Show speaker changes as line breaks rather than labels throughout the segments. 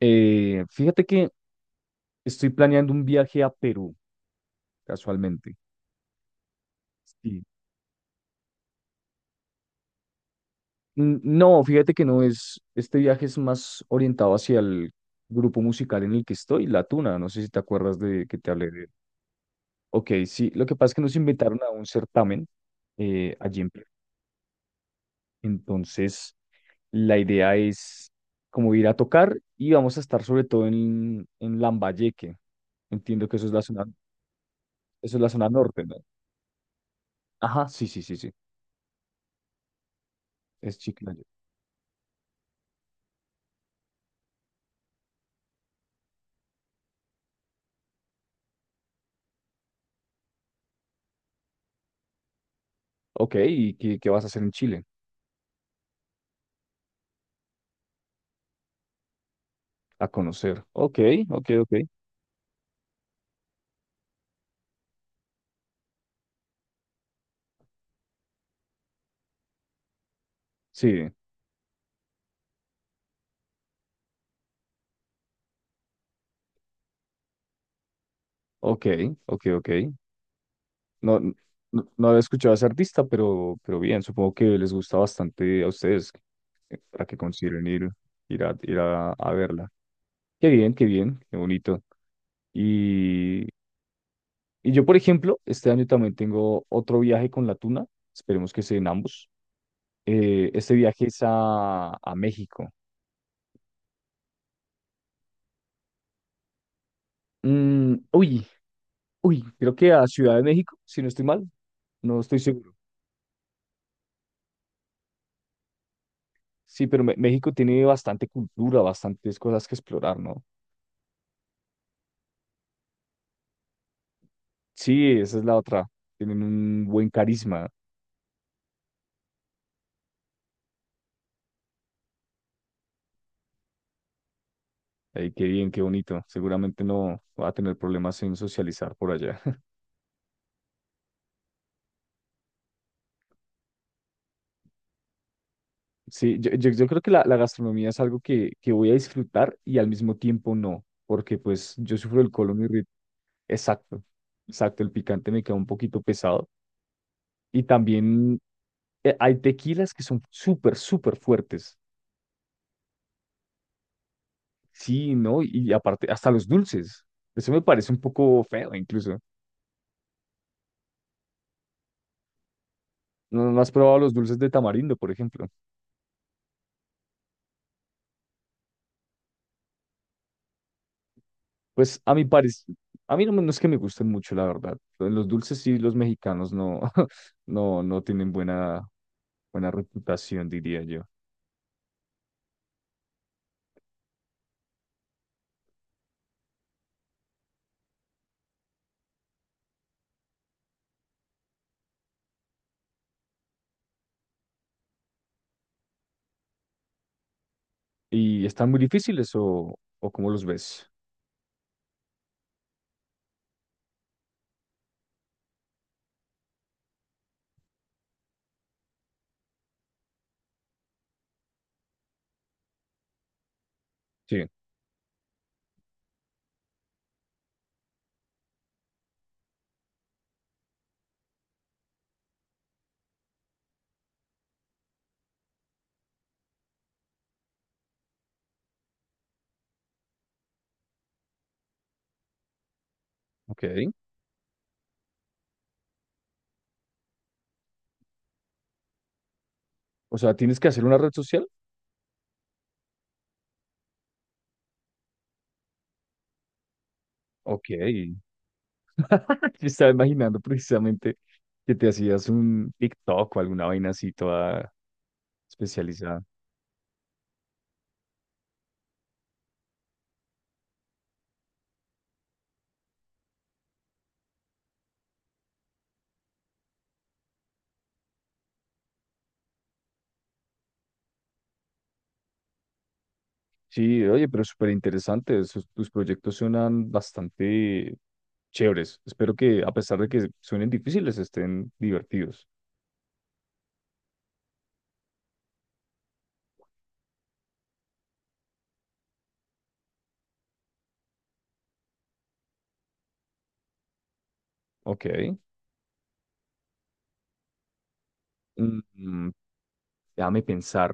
Fíjate que estoy planeando un viaje a Perú, casualmente. Sí. No, fíjate que no es, este viaje es más orientado hacia el grupo musical en el que estoy, La Tuna. No sé si te acuerdas de que te hablé de. Ok, sí, lo que pasa es que nos invitaron a un certamen allí en Perú. Entonces, la idea es como ir a tocar y vamos a estar sobre todo en Lambayeque. Entiendo que eso es la zona, eso es la zona norte, ¿no? Ajá, sí, sí, sí, sí. Es chica. Ok, ¿y qué vas a hacer en Chile? A conocer. Ok, ok, ok. Sí, ok, ok, ok. No, n- no, no había escuchado a ese artista, pero bien, supongo que les gusta bastante a ustedes para que consideren ir, ir a verla. Qué bien, qué bien, qué bonito. Y, y yo, por ejemplo, este año también tengo otro viaje con la Tuna. Esperemos que sean ambos. Este viaje es a México. Mm, uy, uy, creo que a Ciudad de México, si no estoy mal. No estoy seguro. Sí, pero México tiene bastante cultura, bastantes cosas que explorar, ¿no? Sí, esa es la otra. Tienen un buen carisma. Ay, qué bien, qué bonito. Seguramente no va a tener problemas en socializar por allá. Sí, yo creo que la gastronomía es algo que voy a disfrutar y al mismo tiempo no, porque pues yo sufro el colon irritable. Exacto, exacto. El picante me queda un poquito pesado. Y también hay tequilas que son súper, súper fuertes. Sí, ¿no? Y aparte, hasta los dulces. Eso me parece un poco feo, incluso. ¿No, no has probado los dulces de tamarindo, por ejemplo? Pues a mi parecer, a mí no, no es que me gusten mucho, la verdad. Pues, los dulces sí, los mexicanos no, no, no tienen buena, buena reputación, diría yo. ¿Y están muy difíciles o cómo los ves? Sí, ok. O sea, ¿tienes que hacer una red social? Ok. Yo estaba imaginando precisamente que te hacías un TikTok o alguna vaina así toda especializada. Sí, oye, pero súper interesante. Tus proyectos suenan bastante chéveres. Espero que, a pesar de que suenen difíciles, estén divertidos. Ok. Mm, mm, Déjame pensar.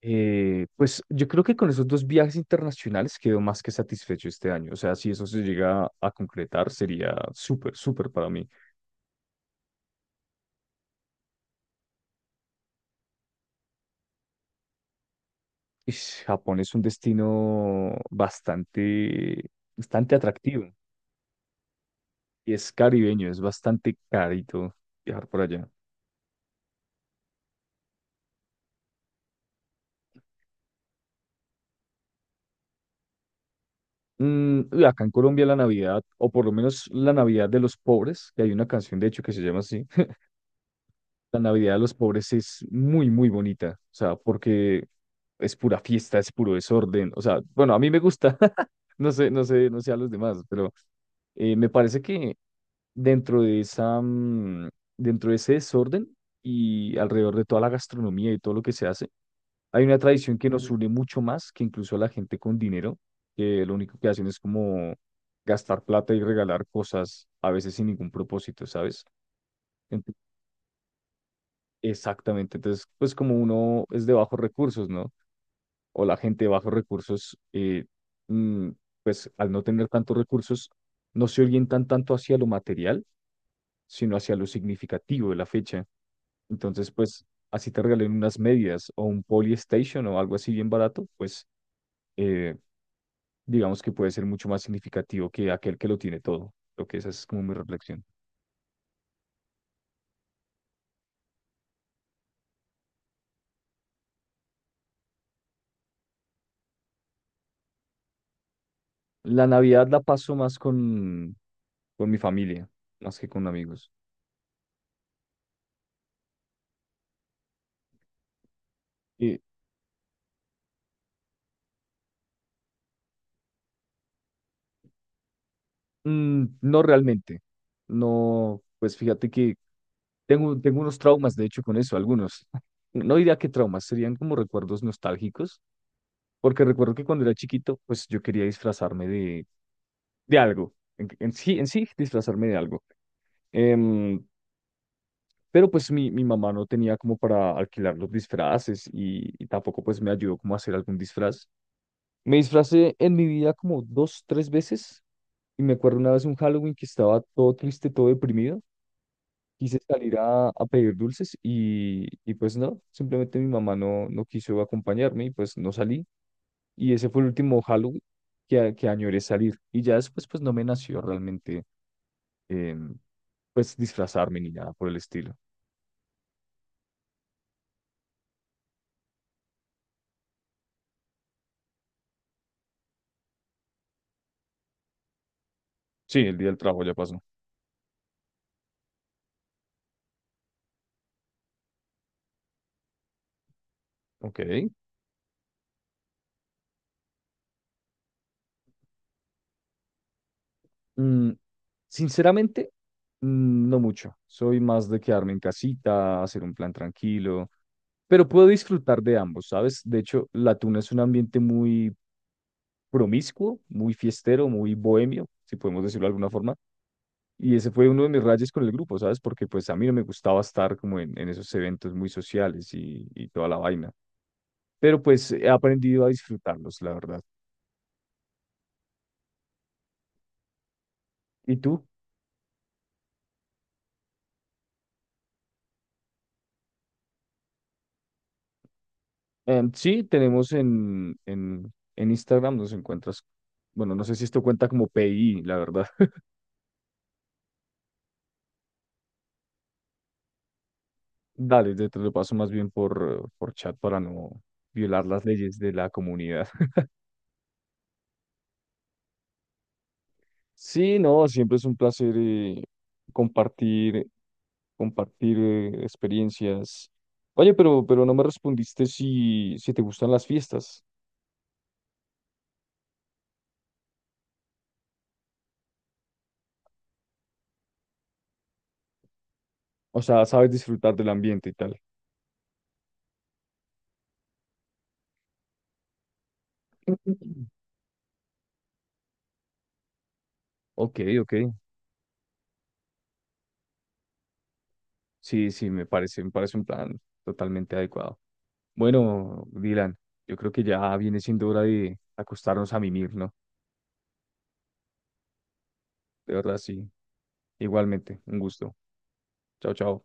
Pues yo creo que con esos dos viajes internacionales quedo más que satisfecho este año. O sea, si eso se llega a concretar, sería súper, súper para mí. Ish, Japón es un destino bastante, bastante atractivo y es caribeño, es bastante carito viajar por allá. Mm, y acá en Colombia la Navidad, o por lo menos la Navidad de los pobres, que hay una canción de hecho que se llama así. La Navidad de los pobres es muy, muy bonita, o sea, porque es pura fiesta, es puro desorden, o sea, bueno, a mí me gusta, no sé, no sé, no sé a los demás, pero me parece que dentro de esa, dentro de ese desorden y alrededor de toda la gastronomía y todo lo que se hace, hay una tradición que nos une mucho más que incluso a la gente con dinero, que lo único que hacen es como gastar plata y regalar cosas, a veces sin ningún propósito, ¿sabes? Exactamente. Entonces, pues como uno es de bajos recursos, ¿no? O la gente de bajos recursos, mm, pues al no tener tantos recursos, no se orientan tanto hacia lo material, sino hacia lo significativo de la fecha. Entonces, pues así te regalen unas medias o un Polystation o algo así bien barato, pues eh, digamos que puede ser mucho más significativo que aquel que lo tiene todo. Lo que esa es como mi reflexión. La Navidad la paso más con mi familia, más que con amigos. Mm, no realmente. No, pues fíjate que tengo unos traumas, de hecho, con eso, algunos. No diría que traumas, serían como recuerdos nostálgicos, porque recuerdo que cuando era chiquito, pues yo quería disfrazarme de algo. En sí, disfrazarme de algo. Em, pero pues mi mamá no tenía como para alquilar los disfraces y tampoco pues me ayudó como a hacer algún disfraz. Me disfracé en mi vida como dos, tres veces. Y me acuerdo una vez un Halloween que estaba todo triste, todo deprimido. Quise salir a pedir dulces y pues no, simplemente mi mamá no, no quiso acompañarme y pues no salí. Y ese fue el último Halloween que, que añoré salir. Y ya después pues no me nació realmente em, pues disfrazarme ni nada por el estilo. Sí, el día del trabajo ya pasó. Ok. Mm, Sinceramente, no mucho. Soy más de quedarme en casita, hacer un plan tranquilo. Pero puedo disfrutar de ambos, ¿sabes? De hecho, la tuna es un ambiente muy promiscuo, muy fiestero, muy bohemio, si podemos decirlo de alguna forma. Y ese fue uno de mis rayes con el grupo, ¿sabes? Porque pues a mí no me gustaba estar como en esos eventos muy sociales y toda la vaina. Pero pues he aprendido a disfrutarlos, la verdad. ¿Y tú? Sí, tenemos en Instagram, nos encuentras, bueno, no sé si esto cuenta como PI, la verdad. Dale, te lo paso más bien por chat para no violar las leyes de la comunidad. Sí, no, siempre es un placer compartir, compartir experiencias. Oye, pero no me respondiste si te gustan las fiestas. O sea, sabes disfrutar del ambiente y tal. Ok, ok. Sí, sí, me parece un plan totalmente adecuado. Bueno, Dylan, yo creo que ya viene siendo hora de acostarnos a mimir, ¿no? De verdad, sí. Igualmente, un gusto. Chao, chao.